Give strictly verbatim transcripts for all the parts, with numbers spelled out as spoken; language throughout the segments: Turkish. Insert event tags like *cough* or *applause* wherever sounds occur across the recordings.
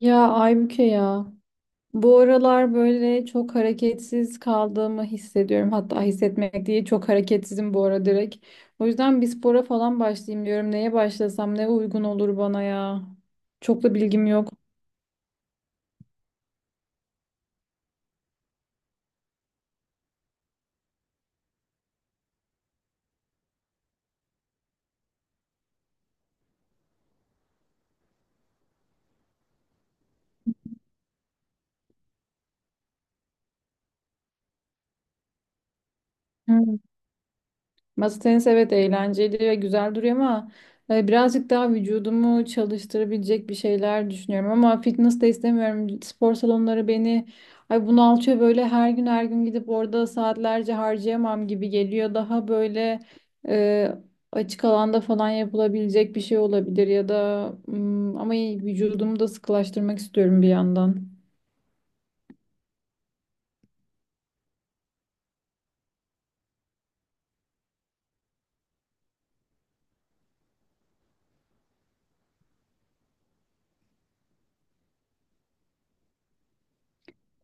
Ya Aybüke ya. Bu aralar böyle çok hareketsiz kaldığımı hissediyorum. Hatta hissetmek değil çok hareketsizim bu ara direkt. O yüzden bir spora falan başlayayım diyorum. Neye başlasam ne uygun olur bana ya. Çok da bilgim yok. Hmm. Masa tenisi evet eğlenceli ve güzel duruyor ama e, birazcık daha vücudumu çalıştırabilecek bir şeyler düşünüyorum ama fitness de istemiyorum. Spor salonları beni ay bunaltıyor böyle her gün her gün gidip orada saatlerce harcayamam gibi geliyor. Daha böyle e, Açık alanda falan yapılabilecek bir şey olabilir ya da hmm, ama vücudumu da sıkılaştırmak istiyorum bir yandan.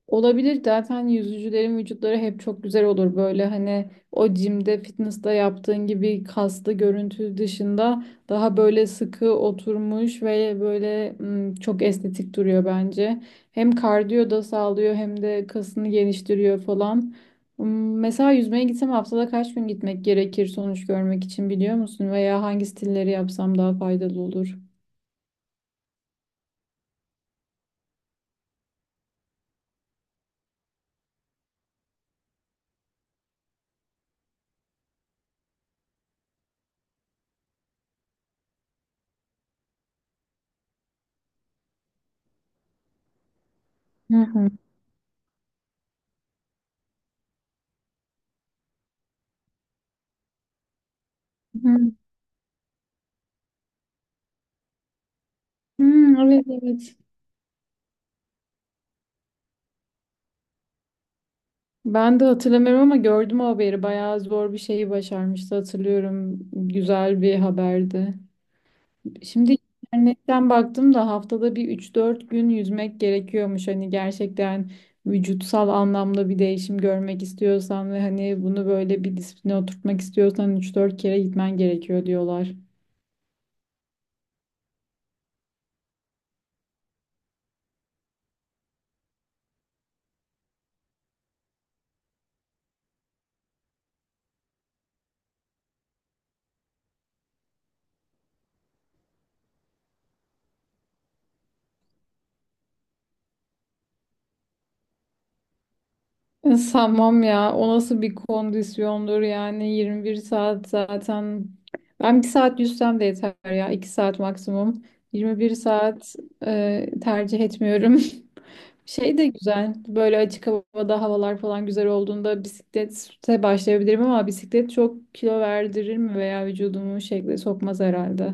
Olabilir, zaten yüzücülerin vücutları hep çok güzel olur böyle, hani o jimde fitness'ta yaptığın gibi kaslı görüntü dışında daha böyle sıkı oturmuş ve böyle mm, çok estetik duruyor bence. Hem kardiyo da sağlıyor hem de kasını geliştiriyor falan. Mm, Mesela yüzmeye gitsem haftada kaç gün gitmek gerekir sonuç görmek için biliyor musun? Veya hangi stilleri yapsam daha faydalı olur? Hı hı. Hı. Hmm, evet, evet. Ben de hatırlamıyorum ama gördüm o haberi. Bayağı zor bir şeyi başarmıştı, hatırlıyorum. Güzel bir haberdi. Şimdi internetten baktım da haftada bir üç dört gün yüzmek gerekiyormuş. Hani gerçekten vücutsal anlamda bir değişim görmek istiyorsan ve hani bunu böyle bir disipline oturtmak istiyorsan üç dört kere gitmen gerekiyor diyorlar. Sanmam ya. O nasıl bir kondisyondur yani, yirmi bir saat zaten. Ben bir saat yüzsem de yeter ya. iki saat maksimum. yirmi bir saat e, tercih etmiyorum. *laughs* Şey de güzel. Böyle açık havada havalar falan güzel olduğunda bisiklete başlayabilirim ama bisiklet çok kilo verdirir mi veya vücudumu şekle sokmaz herhalde.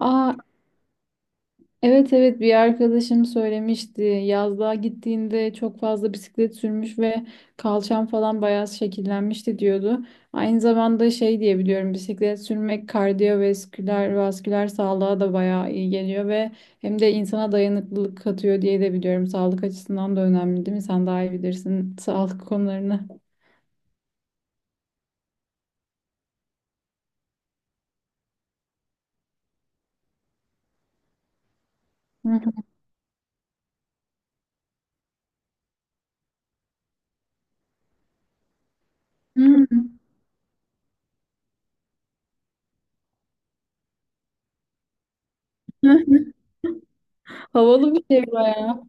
Aa, evet, evet, bir arkadaşım söylemişti. Yazlığa gittiğinde çok fazla bisiklet sürmüş ve kalçam falan bayağı şekillenmişti diyordu. Aynı zamanda şey diye biliyorum, bisiklet sürmek kardiyovasküler vasküler sağlığa da bayağı iyi geliyor ve hem de insana dayanıklılık katıyor diye de biliyorum. Sağlık açısından da önemli değil mi? Sen daha iyi bilirsin sağlık konularını. *laughs* Hı hı. Hı. *laughs* Havalı bir şey bayağı.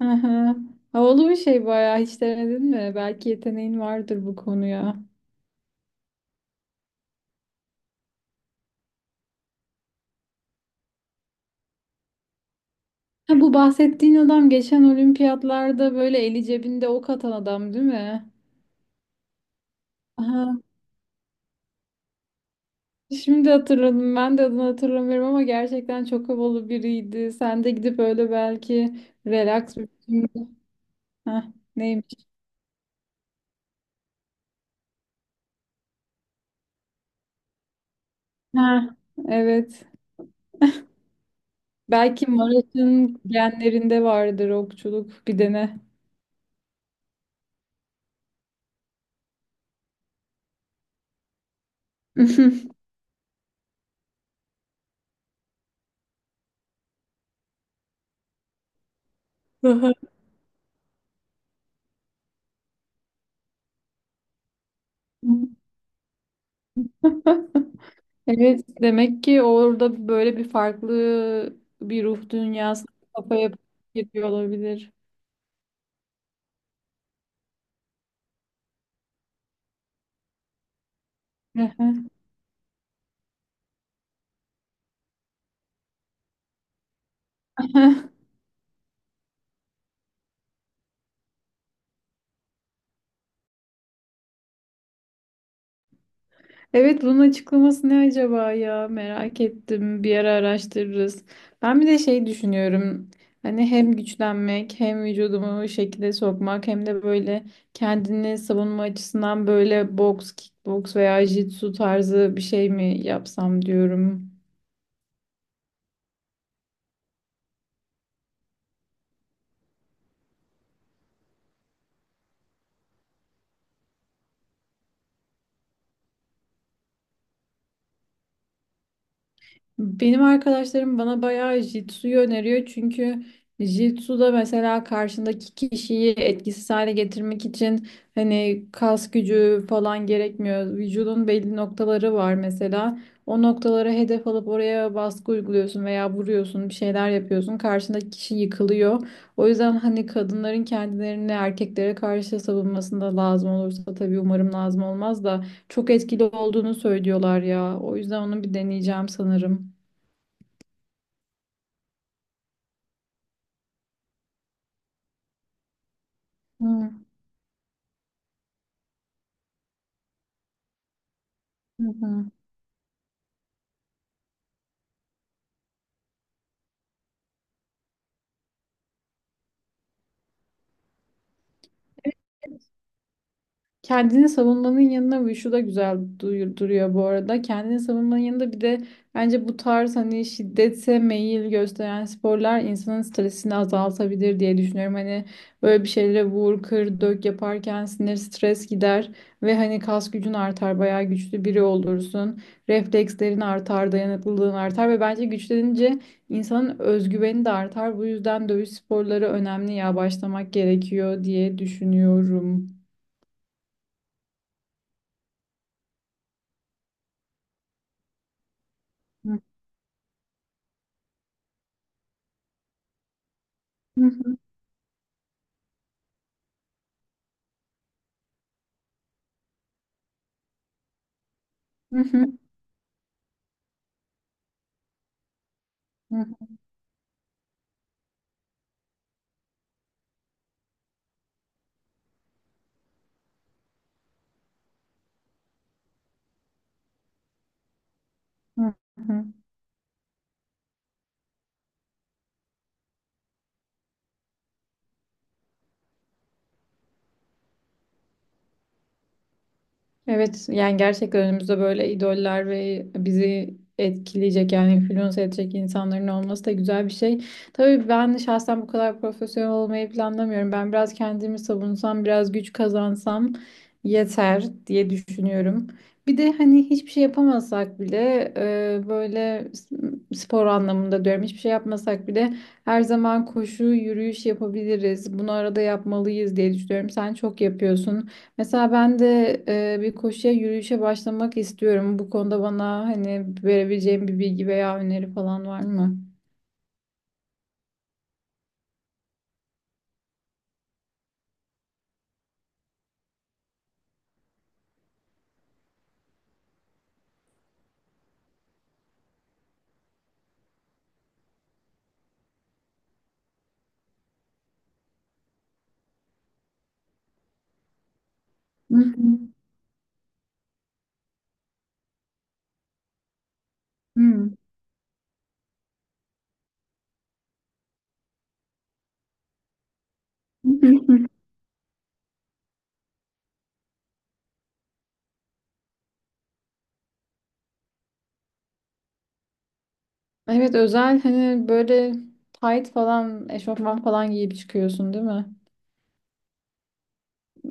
Hı hı. Havalı bir şey bayağı. Hiç denedin mi? Belki yeteneğin vardır bu konuya. Ha, bu bahsettiğin adam geçen olimpiyatlarda böyle eli cebinde ok atan adam değil mi? Aha. Şimdi hatırladım. Ben de adını hatırlamıyorum ama gerçekten çok havalı biriydi. Sen de gidip öyle belki relax bir biçimde- Hah, neymiş? Ha, evet. Belki Maraş'ın genlerinde vardır okçuluk, bir dene. *laughs* Daha- Evet, demek ki orada böyle bir farklı bir ruh dünyası kafaya yapıp gidiyor olabilir. *laughs* *laughs* Evet, bunun açıklaması ne acaba ya, merak ettim, bir ara araştırırız. Ben bir de şey düşünüyorum, hani hem güçlenmek hem vücudumu şekilde sokmak hem de böyle kendini savunma açısından böyle boks, kickboks veya jitsu tarzı bir şey mi yapsam diyorum. Benim arkadaşlarım bana bayağı Jitsu'yu öneriyor, çünkü Jitsu'da mesela karşındaki kişiyi etkisiz hale getirmek için hani kas gücü falan gerekmiyor. Vücudun belli noktaları var mesela. O noktalara hedef alıp oraya baskı uyguluyorsun veya vuruyorsun, bir şeyler yapıyorsun. Karşındaki kişi yıkılıyor. O yüzden hani kadınların kendilerini erkeklere karşı savunmasında lazım olursa, tabii umarım lazım olmaz da, çok etkili olduğunu söylüyorlar ya. O yüzden onu bir deneyeceğim sanırım. Hı hı. Hı. Kendini savunmanın yanına ve şu da güzel duyu- duruyor bu arada. Kendini savunmanın yanında bir de bence bu tarz hani şiddete meyil gösteren sporlar insanın stresini azaltabilir diye düşünüyorum. Hani böyle bir şeylere vur, kır, dök yaparken sinir stres gider ve hani kas gücün artar, bayağı güçlü biri olursun. Reflekslerin artar, dayanıklılığın artar ve bence güçlenince insanın özgüveni de artar. Bu yüzden dövüş sporları önemli ya, başlamak gerekiyor diye düşünüyorum. Hı. Hı. Hı hı, hı hı, hı hı. Evet yani gerçekten önümüzde böyle idoller ve bizi etkileyecek yani influence edecek insanların olması da güzel bir şey. Tabii ben şahsen bu kadar profesyonel olmayı planlamıyorum. Ben biraz kendimi savunsam, biraz güç kazansam yeter diye düşünüyorum. Bir de hani hiçbir şey yapamasak bile e, böyle s- spor anlamında diyorum, hiçbir şey yapmasak bile her zaman koşu, yürüyüş yapabiliriz. Bunu arada yapmalıyız diye düşünüyorum. Sen çok yapıyorsun. Mesela ben de e, bir koşuya, yürüyüşe başlamak istiyorum. Bu konuda bana hani verebileceğim bir bilgi veya öneri falan var mı? Hı hı. Hı. *laughs* Evet, özel hani böyle tight falan eşofman falan giyip çıkıyorsun değil mi?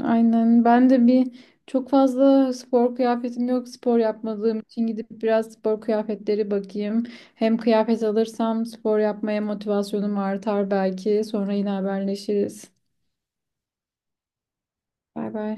Aynen, ben de bir çok fazla spor kıyafetim yok spor yapmadığım için, gidip biraz spor kıyafetleri bakayım. Hem kıyafet alırsam spor yapmaya motivasyonum artar, belki sonra yine haberleşiriz. Bay bay.